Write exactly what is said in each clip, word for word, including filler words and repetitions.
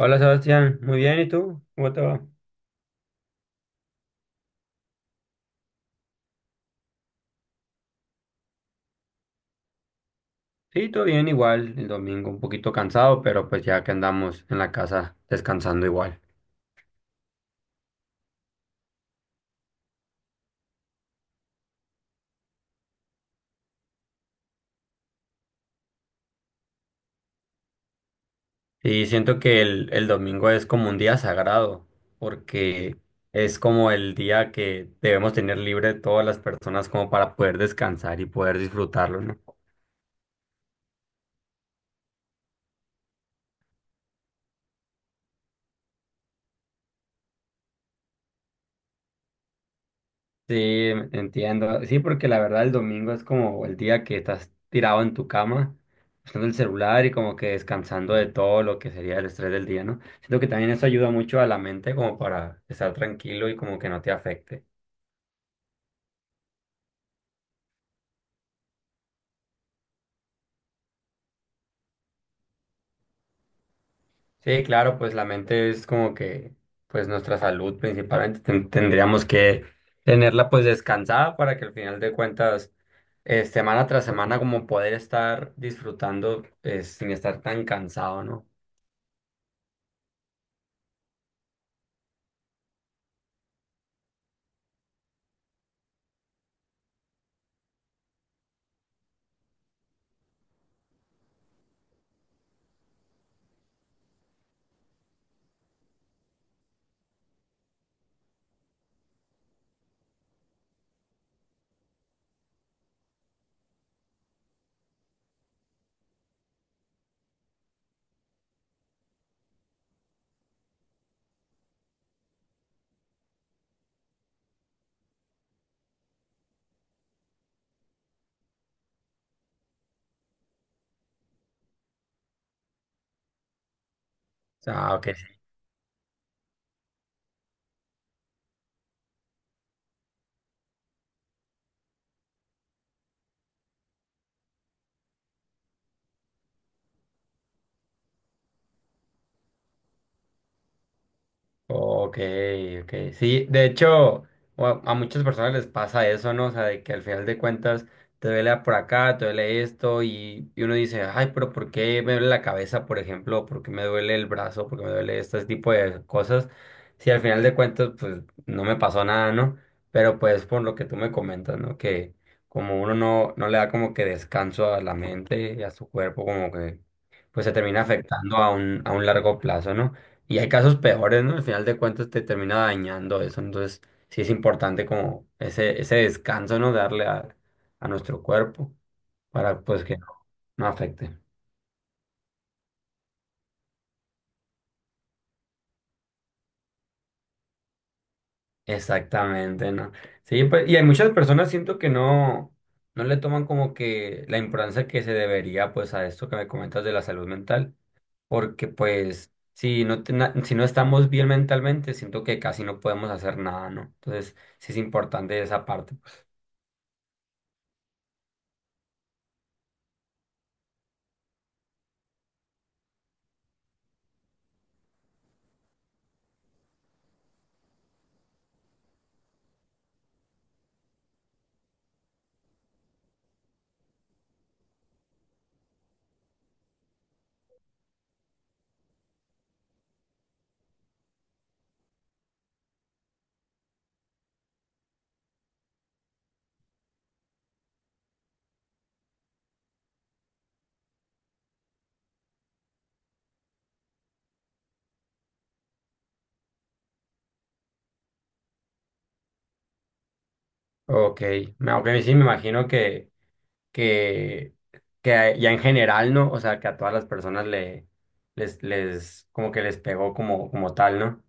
Hola Sebastián, muy bien, ¿y tú? ¿Cómo te va? Sí, todo bien, igual, el domingo un poquito cansado, pero pues ya que andamos en la casa descansando igual. Y siento que el, el domingo es como un día sagrado, porque es como el día que debemos tener libre todas las personas como para poder descansar y poder disfrutarlo, ¿no? Sí, entiendo. Sí, porque la verdad el domingo es como el día que estás tirado en tu cama, usando el celular y como que descansando de todo lo que sería el estrés del día, ¿no? Siento que también eso ayuda mucho a la mente como para estar tranquilo y como que no te afecte. Sí, claro, pues la mente es como que, pues nuestra salud principalmente ten- tendríamos que tenerla pues descansada para que al final de cuentas, eh, semana tras semana como poder estar disfrutando eh, sin estar tan cansado, ¿no? O sea, ok. Ok, ok. Sí, de hecho, a, a muchas personas les pasa eso, ¿no? O sea, de que al final de cuentas te duele por acá, te duele esto, y, y uno dice, ay, pero ¿por qué me duele la cabeza, por ejemplo? ¿Por qué me duele el brazo? ¿Por qué me duele este tipo de cosas? Si al final de cuentas, pues no me pasó nada, ¿no? Pero pues por lo que tú me comentas, ¿no? Que como uno no, no le da como que descanso a la mente y a su cuerpo, como que pues se termina afectando a un, a un largo plazo, ¿no? Y hay casos peores, ¿no? Al final de cuentas te termina dañando eso. Entonces, sí es importante como ese, ese descanso, ¿no? Darle a, a nuestro cuerpo para pues que no, no afecte. Exactamente, ¿no? Sí, pues, y hay muchas personas siento que no, no le toman como que la importancia que se debería pues a esto que me comentas de la salud mental. Porque pues si no, te- na- si no estamos bien mentalmente, siento que casi no podemos hacer nada, ¿no? Entonces, sí es importante esa parte. Ok, me- aunque sí me imagino que, que, que a- ya en general, ¿no? O sea, que a todas las personas le, les, les, como que les pegó como, como tal, ¿no?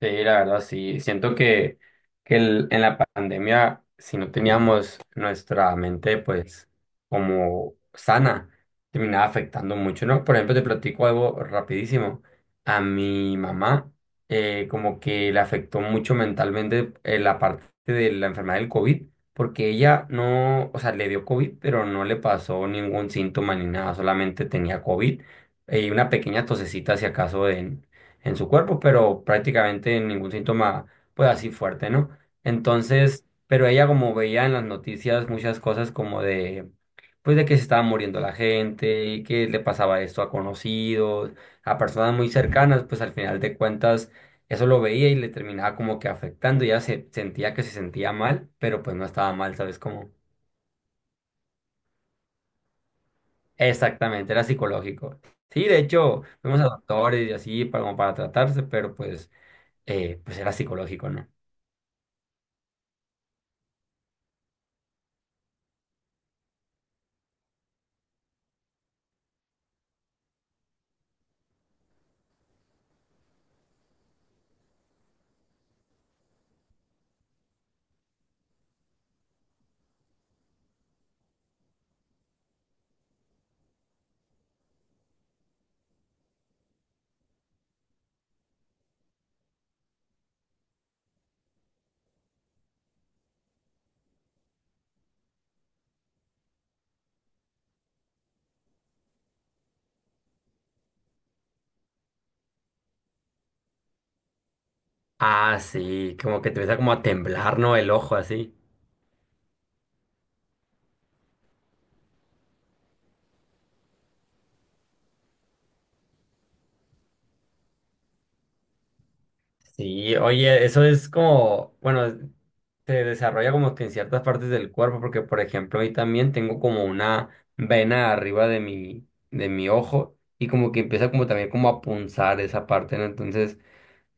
Sí, la verdad, sí. Siento que, que el- en la pandemia, si no teníamos nuestra mente, pues, como sana, terminaba afectando mucho, ¿no? Por ejemplo, te platico algo rapidísimo. A mi mamá, eh, como que le afectó mucho mentalmente eh, la parte de la enfermedad del COVID, porque ella no, o sea, le dio COVID, pero no le pasó ningún síntoma ni nada, solamente tenía COVID eh, y una pequeña tosecita, si acaso, en su cuerpo, pero prácticamente ningún síntoma, pues así fuerte, ¿no? Entonces, pero ella como veía en las noticias muchas cosas como de, pues de que se estaba muriendo la gente y que le pasaba esto a conocidos, a personas muy cercanas, pues al final de cuentas eso lo veía y le terminaba como que afectando, ya se sentía que se sentía mal, pero pues no estaba mal, ¿sabes cómo? Exactamente, era psicológico. Sí, de hecho, fuimos a doctores y así para, como para tratarse, pero pues, eh, pues era psicológico, ¿no? Ah, sí, como que te empieza como a temblar, ¿no? El ojo así. Sí, oye, eso es como, bueno, se desarrolla como que en ciertas partes del cuerpo, porque por ejemplo, ahí también tengo como una vena arriba de mi, de mi ojo y como que empieza como también como a punzar esa parte, ¿no? Entonces,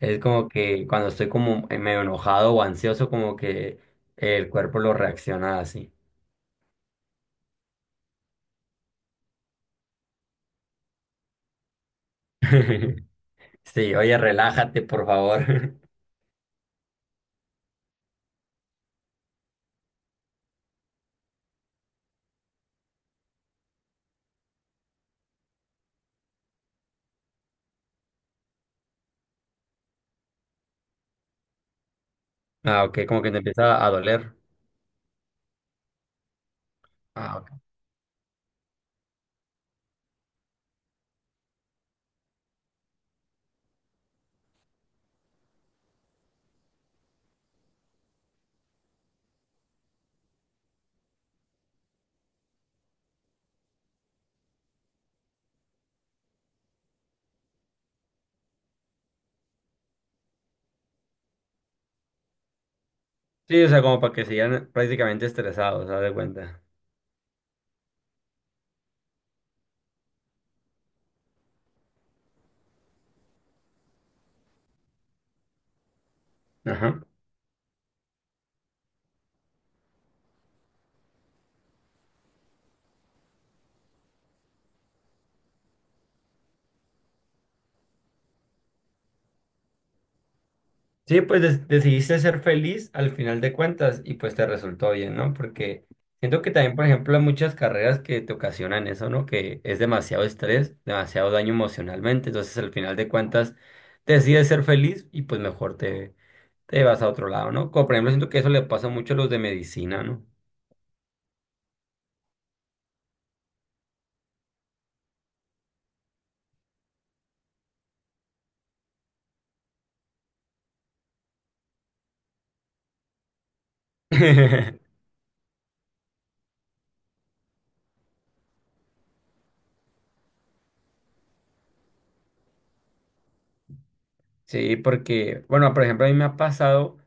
es como que cuando estoy como medio enojado o ansioso, como que el cuerpo lo reacciona así. Sí, oye, relájate, por favor. Ah, ok, como que te empieza a doler. Ah. Sí, o sea, como para que sigan prácticamente estresados, haz de cuenta. Ajá. Sí, pues des- decidiste ser feliz al final de cuentas y pues te resultó bien, ¿no? Porque siento que también, por ejemplo, hay muchas carreras que te ocasionan eso, ¿no? Que es demasiado estrés, demasiado daño emocionalmente, entonces al final de cuentas decides ser feliz y pues mejor te, te vas a otro lado, ¿no? Como por ejemplo, siento que eso le pasa mucho a los de medicina, ¿no? Sí, porque, bueno, por ejemplo, a mí me ha pasado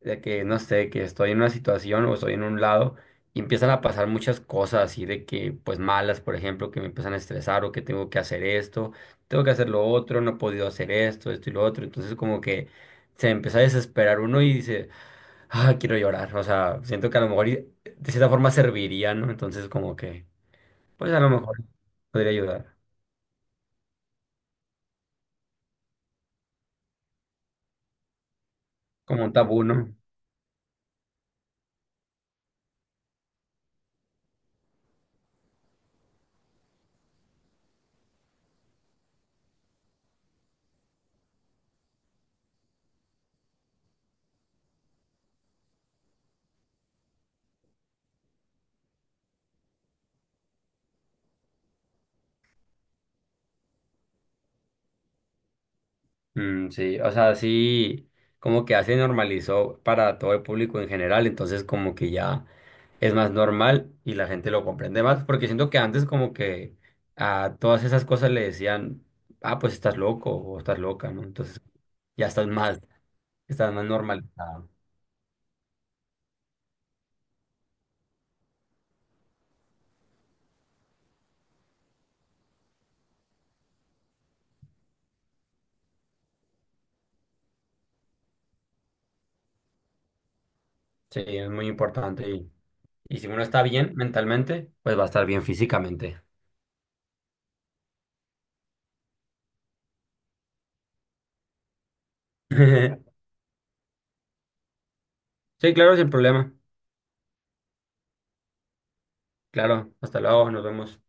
de que, no sé, que estoy en una situación o estoy en un lado y empiezan a pasar muchas cosas así de que, pues malas, por ejemplo, que me empiezan a estresar o que tengo que hacer esto, tengo que hacer lo otro, no he podido hacer esto, esto y lo otro. Entonces, como que se empieza a desesperar uno y dice, ah, quiero llorar. O sea, siento que a lo mejor y- de cierta forma serviría, ¿no? Entonces, como que, pues a lo mejor podría ayudar. Como un tabú, ¿no? Mm, sí, o sea, sí, como que ya se normalizó para todo el público en general, entonces como que ya es más normal y la gente lo comprende más, porque siento que antes como que a todas esas cosas le decían, ah, pues estás loco o estás loca, ¿no? Entonces ya estás más, estás más normalizado. Sí, es muy importante y, y si uno está bien mentalmente, pues va a estar bien físicamente. Sí, claro, sin problema. Claro, hasta luego, nos vemos.